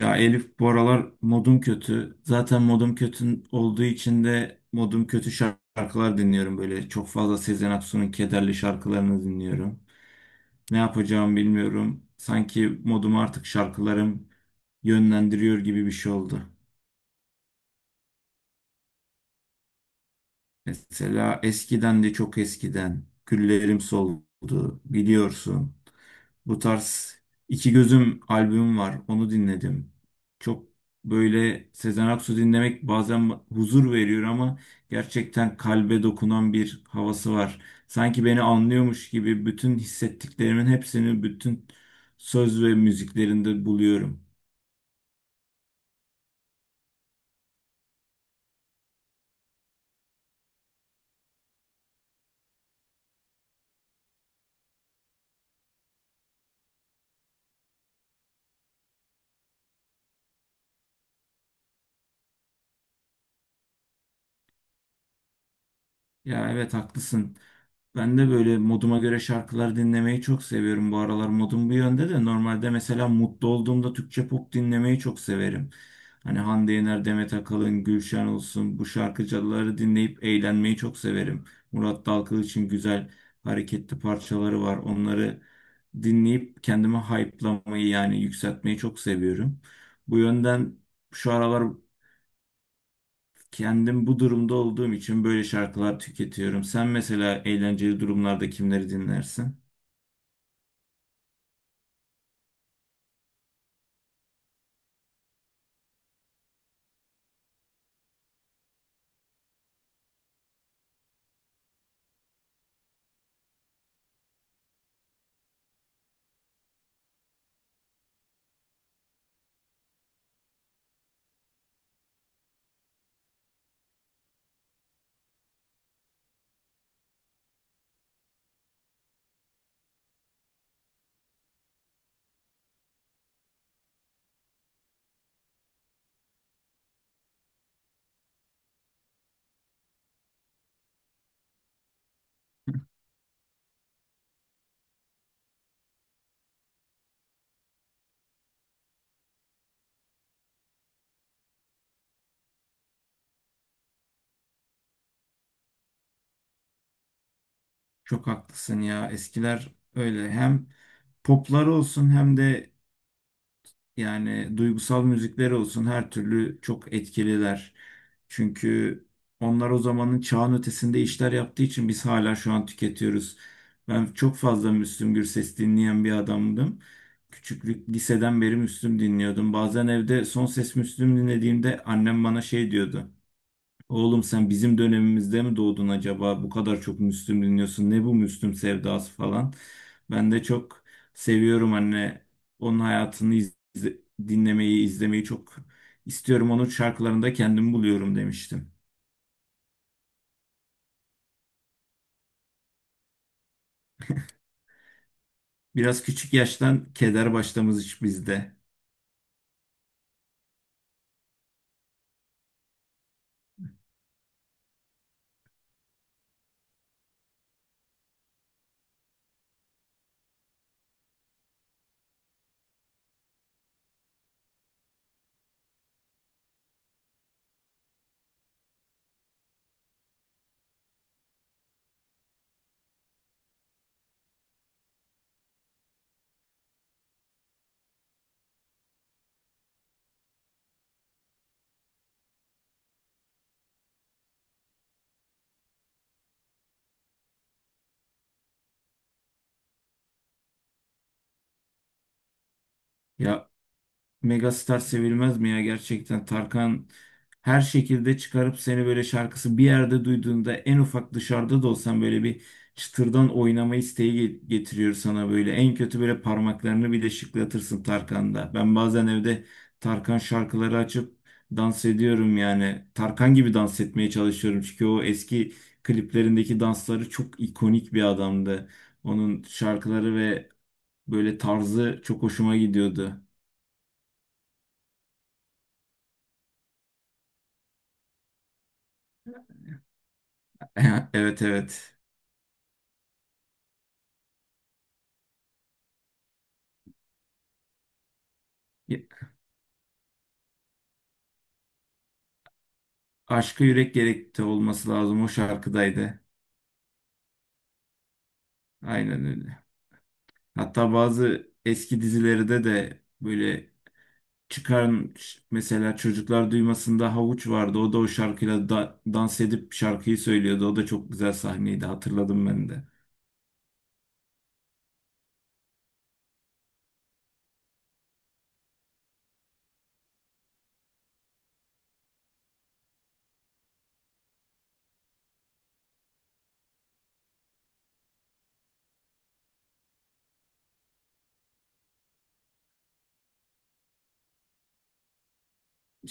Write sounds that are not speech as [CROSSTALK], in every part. Ya Elif, bu aralar modum kötü. Zaten modum kötü olduğu için de modum kötü şarkılar dinliyorum böyle. Çok fazla Sezen Aksu'nun kederli şarkılarını dinliyorum. Ne yapacağımı bilmiyorum. Sanki modumu artık şarkılarım yönlendiriyor gibi bir şey oldu. Mesela eskiden de çok eskiden güllerim soldu biliyorsun. Bu tarz İki Gözüm albüm var. Onu dinledim. Çok böyle Sezen Aksu dinlemek bazen huzur veriyor ama gerçekten kalbe dokunan bir havası var. Sanki beni anlıyormuş gibi bütün hissettiklerimin hepsini bütün söz ve müziklerinde buluyorum. Ya evet, haklısın. Ben de böyle moduma göre şarkılar dinlemeyi çok seviyorum. Bu aralar modum bu yönde de normalde mesela mutlu olduğumda Türkçe pop dinlemeyi çok severim. Hani Hande Yener, Demet Akalın, Gülşen olsun, bu şarkıcıları dinleyip eğlenmeyi çok severim. Murat Dalkılıç'ın güzel hareketli parçaları var. Onları dinleyip kendimi hype'lamayı yani yükseltmeyi çok seviyorum. Bu yönden şu aralar kendim bu durumda olduğum için böyle şarkılar tüketiyorum. Sen mesela eğlenceli durumlarda kimleri dinlersin? Çok haklısın ya. Eskiler öyle, hem poplar olsun hem de yani duygusal müzikler olsun, her türlü çok etkililer. Çünkü onlar o zamanın çağın ötesinde işler yaptığı için biz hala şu an tüketiyoruz. Ben çok fazla Müslüm Gürses dinleyen bir adamdım. Küçüklük liseden beri Müslüm dinliyordum. Bazen evde son ses Müslüm dinlediğimde annem bana şey diyordu. Oğlum, sen bizim dönemimizde mi doğdun acaba? Bu kadar çok Müslüm dinliyorsun. Ne bu Müslüm sevdası falan. Ben de çok seviyorum anne. Onun hayatını dinlemeyi, izlemeyi çok istiyorum. Onun şarkılarında kendimi buluyorum demiştim. Biraz küçük yaştan keder başlamış bizde. Ya Megastar sevilmez mi ya gerçekten? Tarkan her şekilde çıkarıp seni böyle şarkısı bir yerde duyduğunda en ufak dışarıda da olsan böyle bir çıtırdan oynama isteği getiriyor sana böyle. En kötü böyle parmaklarını bile şıklatırsın Tarkan'da. Ben bazen evde Tarkan şarkıları açıp dans ediyorum yani. Tarkan gibi dans etmeye çalışıyorum çünkü o eski kliplerindeki dansları çok ikonik bir adamdı. Onun şarkıları ve böyle tarzı çok hoşuma gidiyordu. [LAUGHS] Evet, evet. Y- Aşka Yürek Gerekti olması lazım, o şarkıdaydı. Aynen öyle. Hatta bazı eski dizilerde de böyle çıkan mesela Çocuklar Duymasın'da Havuç vardı. O da o şarkıyla dans edip şarkıyı söylüyordu. O da çok güzel sahneydi. Hatırladım ben de.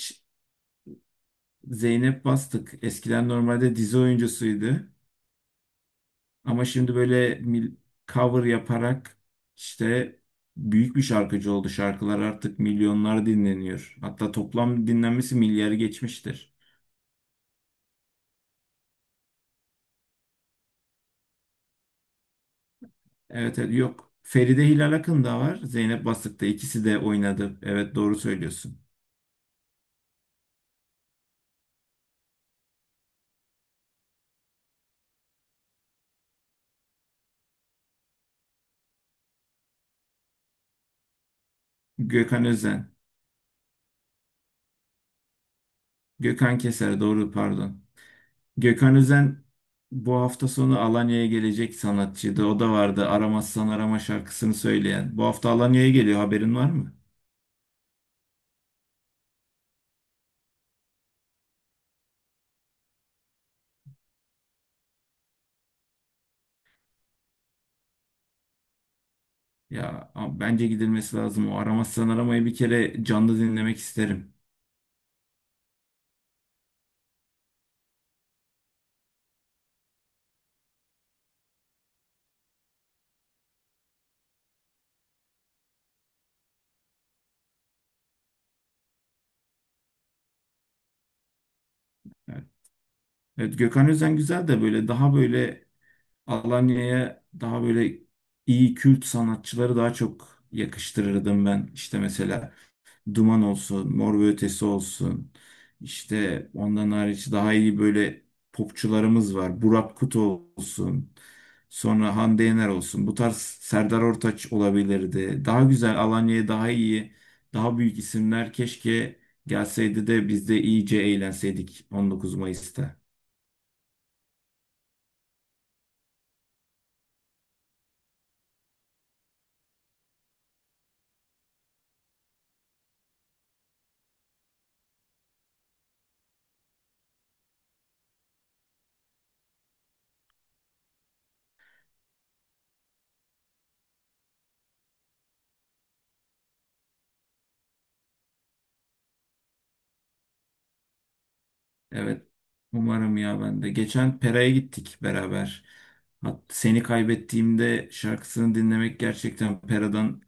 Ş- Zeynep Bastık eskiden normalde dizi oyuncusuydu. Ama şimdi böyle cover yaparak işte büyük bir şarkıcı oldu. Şarkılar artık milyonlar dinleniyor. Hatta toplam dinlenmesi milyarı geçmiştir. Evet, evet. Yok, Feride Hilal Akın da var. Zeynep Bastık'ta ikisi de oynadı. Evet, doğru söylüyorsun. Gökhan Özen. Gökhan Keser, doğru, pardon. Gökhan Özen bu hafta sonu Alanya'ya gelecek sanatçıydı. O da vardı. Aramazsan Arama şarkısını söyleyen. Bu hafta Alanya'ya geliyor. Haberin var mı? Ya bence gidilmesi lazım. O Aramazsan Arama'yı bir kere canlı dinlemek isterim. Evet, evet, Gökhan Özen güzel de böyle daha böyle Alanya'ya daha böyle iyi kült sanatçıları daha çok yakıştırırdım ben. İşte mesela Duman olsun, Mor ve Ötesi olsun. İşte ondan hariç daha iyi böyle popçularımız var. Burak Kut olsun. Sonra Hande Yener olsun. Bu tarz Serdar Ortaç olabilirdi. Daha güzel Alanya'ya daha iyi, daha büyük isimler keşke gelseydi de biz de iyice eğlenseydik 19 Mayıs'ta. Evet. Umarım ya, ben de. Geçen Pera'ya gittik beraber. Seni Kaybettiğimde şarkısını dinlemek gerçekten Pera'dan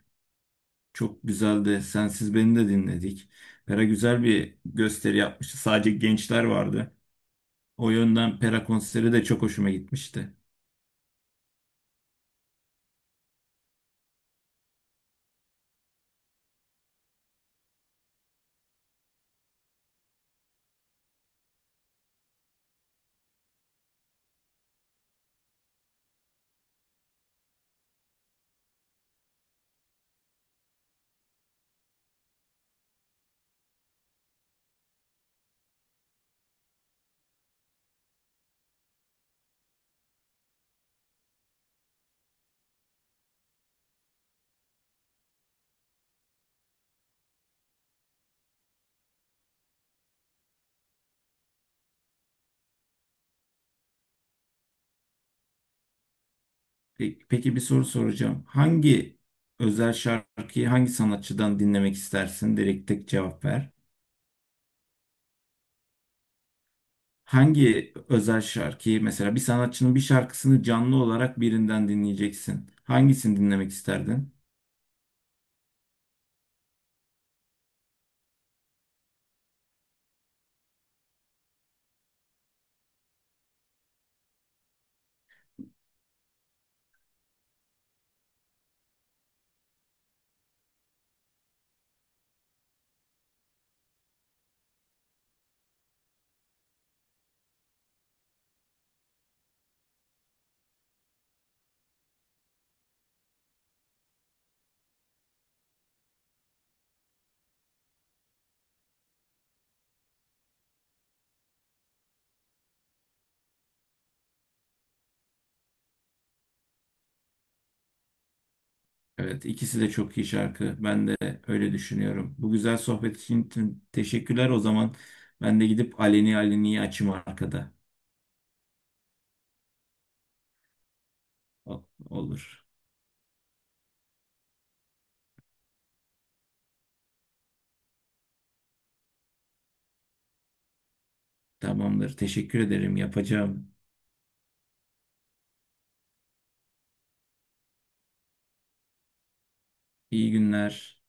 çok güzeldi. Sensiz Beni de dinledik. Pera güzel bir gösteri yapmıştı. Sadece gençler vardı. O yönden Pera konseri de çok hoşuma gitmişti. Peki, peki bir soru soracağım. Hangi özel şarkıyı hangi sanatçıdan dinlemek istersin? Direkt tek cevap ver. Hangi özel şarkıyı, mesela bir sanatçının bir şarkısını canlı olarak birinden dinleyeceksin. Hangisini dinlemek isterdin? Evet, ikisi de çok iyi şarkı. Ben de öyle düşünüyorum. Bu güzel sohbet için teşekkürler o zaman. Ben de gidip Aleni Aleni'yi açayım arkada. Olur. Tamamdır. Teşekkür ederim. Yapacağım. İyi günler.